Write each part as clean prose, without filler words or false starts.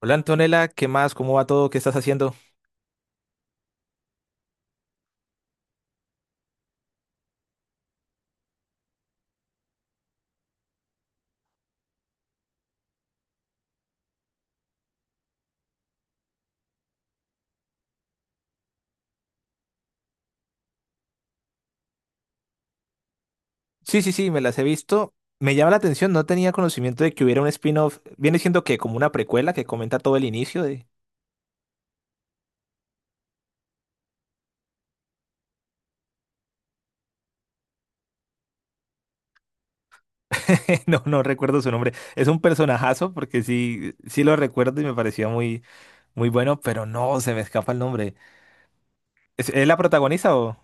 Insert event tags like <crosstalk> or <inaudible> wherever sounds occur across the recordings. Hola Antonella, ¿qué más? ¿Cómo va todo? ¿Qué estás haciendo? Sí, sí, sí, me las he visto. Me llama la atención, no tenía conocimiento de que hubiera un spin-off. Viene siendo que como una precuela que comenta todo el inicio de... <laughs> No, no recuerdo su nombre. Es un personajazo porque sí, sí lo recuerdo y me pareció muy, muy bueno, pero no, se me escapa el nombre. ¿Es la protagonista o...?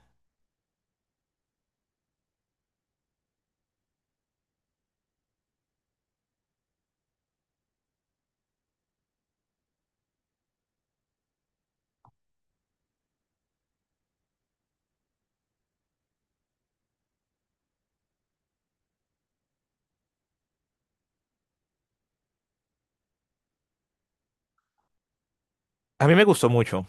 A mí me gustó mucho.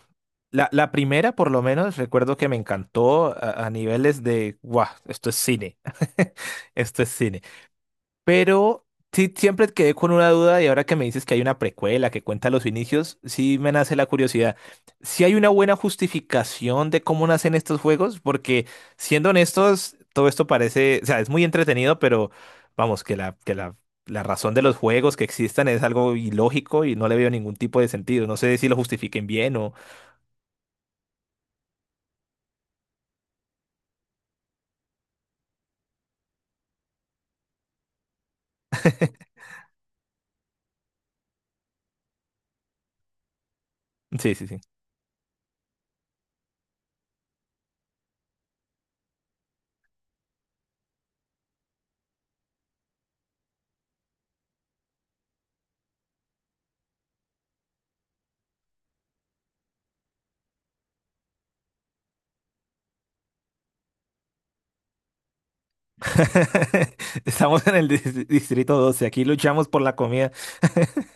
La primera, por lo menos, recuerdo que me encantó a niveles de... ¡Guau! Esto es cine. <laughs> Esto es cine. Pero sí, siempre quedé con una duda y ahora que me dices que hay una precuela que cuenta los inicios, sí me nace la curiosidad. ¿Si hay una buena justificación de cómo nacen estos juegos? Porque siendo honestos, todo esto parece, o sea, es muy entretenido, pero vamos, que la razón de los juegos que existan es algo ilógico y no le veo ningún tipo de sentido. No sé si lo justifiquen bien o... Sí, sí, sí. <laughs> Estamos en el distrito doce, aquí luchamos por la comida. <laughs>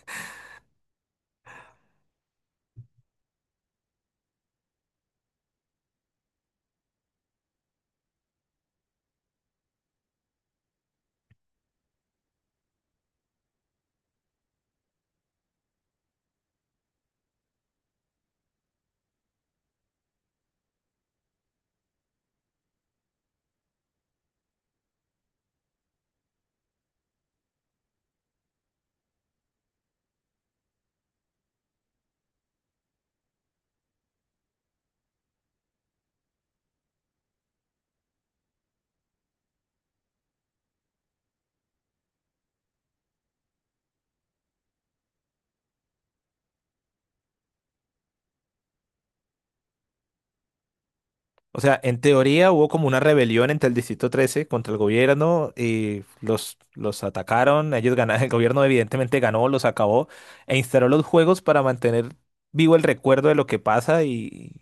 O sea, en teoría hubo como una rebelión entre el Distrito 13 contra el gobierno y los atacaron, ellos ganaron, el gobierno evidentemente ganó, los acabó e instaló los juegos para mantener vivo el recuerdo de lo que pasa y,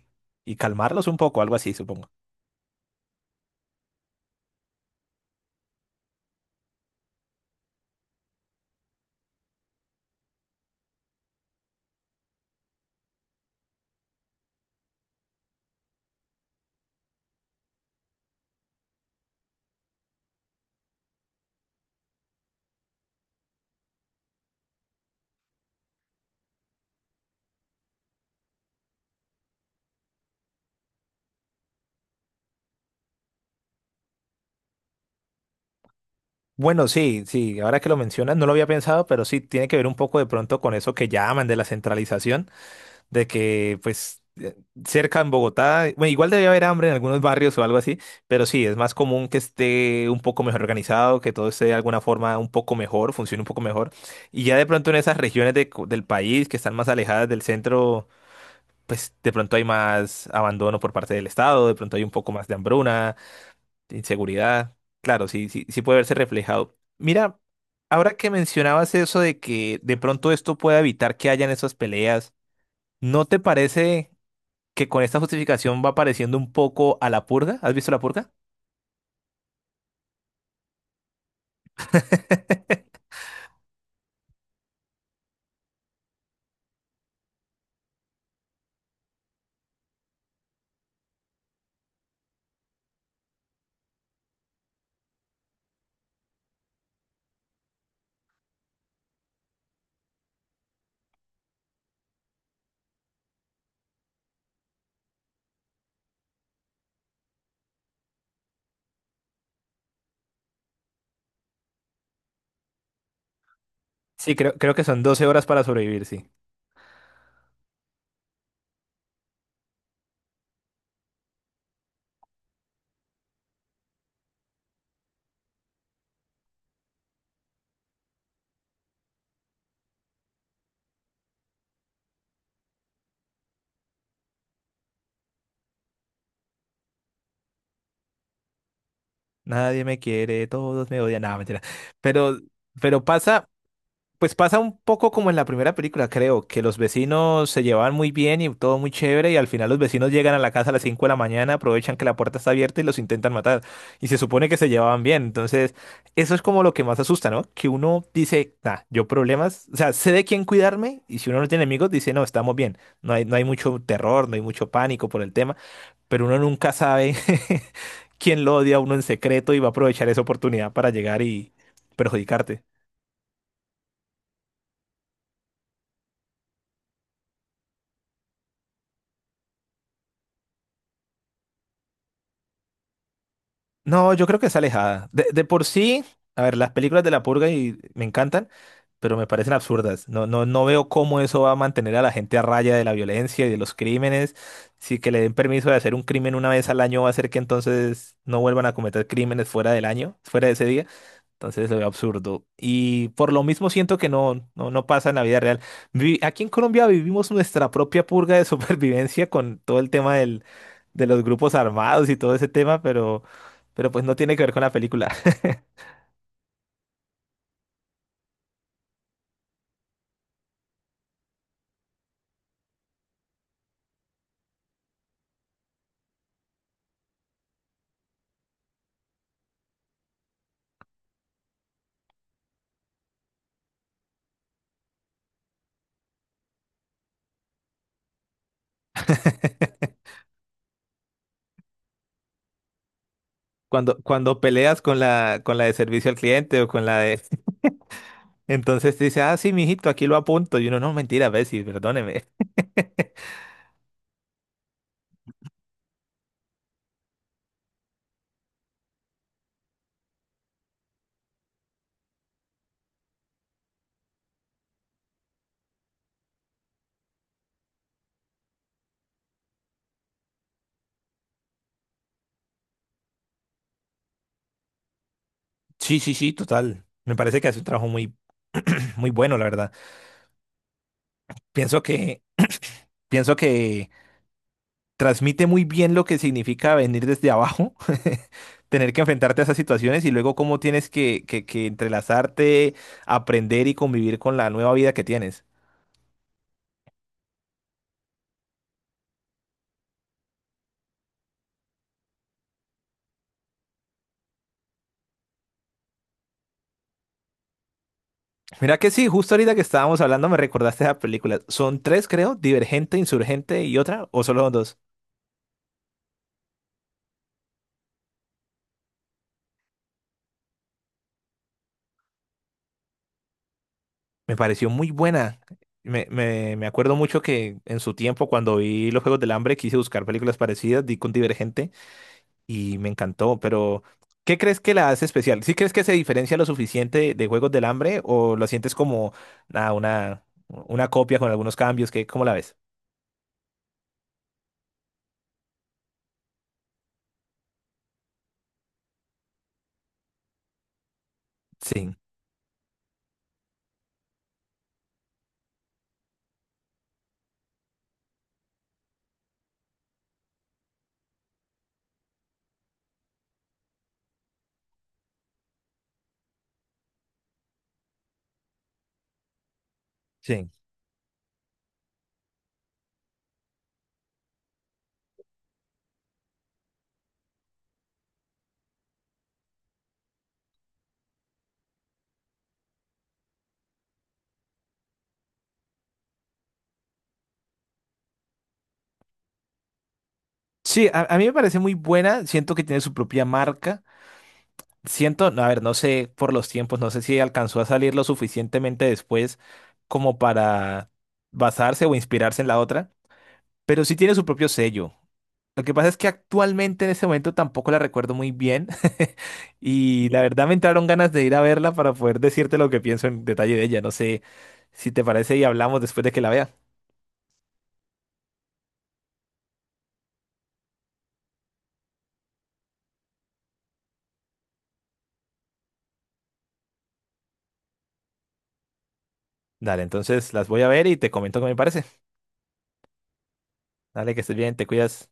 y calmarlos un poco, algo así, supongo. Bueno, sí, sí, ahora que lo mencionas, no lo había pensado, pero sí tiene que ver un poco de pronto con eso que llaman de la centralización de que pues cerca en Bogotá, bueno, igual debe haber hambre en algunos barrios o algo así, pero sí, es más común que esté un poco mejor organizado, que todo esté de alguna forma un poco mejor, funcione un poco mejor. Y ya de pronto en esas regiones del país que están más alejadas del centro, pues de pronto hay más abandono por parte del Estado, de pronto hay un poco más de hambruna, de inseguridad. Claro, sí, sí, sí puede verse reflejado. Mira, ahora que mencionabas eso de que de pronto esto pueda evitar que hayan esas peleas, ¿no te parece que con esta justificación va pareciendo un poco a la purga? ¿Has visto la purga? Sí, creo que son 12 horas para sobrevivir, sí. Nadie me quiere, todos me odian. Nada, mentira. Pero, pero pasa, Pues pasa un poco como en la primera película, creo, que los vecinos se llevaban muy bien y todo muy chévere y al final los vecinos llegan a la casa a las 5 de la mañana, aprovechan que la puerta está abierta y los intentan matar. Y se supone que se llevaban bien. Entonces, eso es como lo que más asusta, ¿no? Que uno dice, nah, yo problemas, o sea, sé de quién cuidarme, y si uno no tiene amigos, dice, no, estamos bien. No hay, no hay mucho terror, no hay mucho pánico por el tema, pero uno nunca sabe <laughs> quién lo odia a uno en secreto y va a aprovechar esa oportunidad para llegar y perjudicarte. No, yo creo que es alejada. De por sí, a ver, las películas de La Purga y me encantan, pero me parecen absurdas. No, no, no veo cómo eso va a mantener a la gente a raya de la violencia y de los crímenes. Si que le den permiso de hacer un crimen una vez al año va a hacer que entonces no vuelvan a cometer crímenes fuera del año, fuera de ese día. Entonces se ve absurdo. Y por lo mismo siento que no, no, no pasa en la vida real. Aquí en Colombia vivimos nuestra propia purga de <laughs> supervivencia con todo el tema del, de los grupos armados y todo ese tema, pero pues no tiene que ver con la película. <laughs> Cuando peleas con la de servicio al cliente o con la de... <laughs> Entonces te dice, ah, sí, mijito, aquí lo apunto. Y uno, no, mentira, Bessie, perdóneme. Sí, sí, sí, total. Me parece que hace un trabajo muy, <clears throat> muy bueno, la verdad. Pienso que, pienso que transmite muy bien lo que significa venir desde abajo, <laughs> tener que, enfrentarte a esas situaciones y luego cómo tienes que entrelazarte, aprender y convivir con la nueva vida que tienes. Mira que sí, justo ahorita que estábamos hablando me recordaste esa película. Son tres, creo, Divergente, Insurgente y otra, o solo son dos. Me pareció muy buena. Me acuerdo mucho que en su tiempo, cuando vi los Juegos del Hambre, quise buscar películas parecidas, di con Divergente, y me encantó, pero ¿qué crees que la hace especial? ¿Sí crees que se diferencia lo suficiente de Juegos del Hambre o lo sientes como nada, una copia con algunos cambios? ¿Qué, cómo la ves? Sí, sí. Sí, a mí me parece muy buena, siento que tiene su propia marca, siento, no, a ver, no sé por los tiempos, no sé si alcanzó a salir lo suficientemente después como para basarse o inspirarse en la otra, pero sí tiene su propio sello. Lo que pasa es que actualmente en ese momento tampoco la recuerdo muy bien <laughs> y la verdad me entraron ganas de ir a verla para poder decirte lo que pienso en detalle de ella. No sé si te parece y hablamos después de que la vea. Dale, entonces las voy a ver y te comento qué me parece. Dale, que estés bien, te cuidas.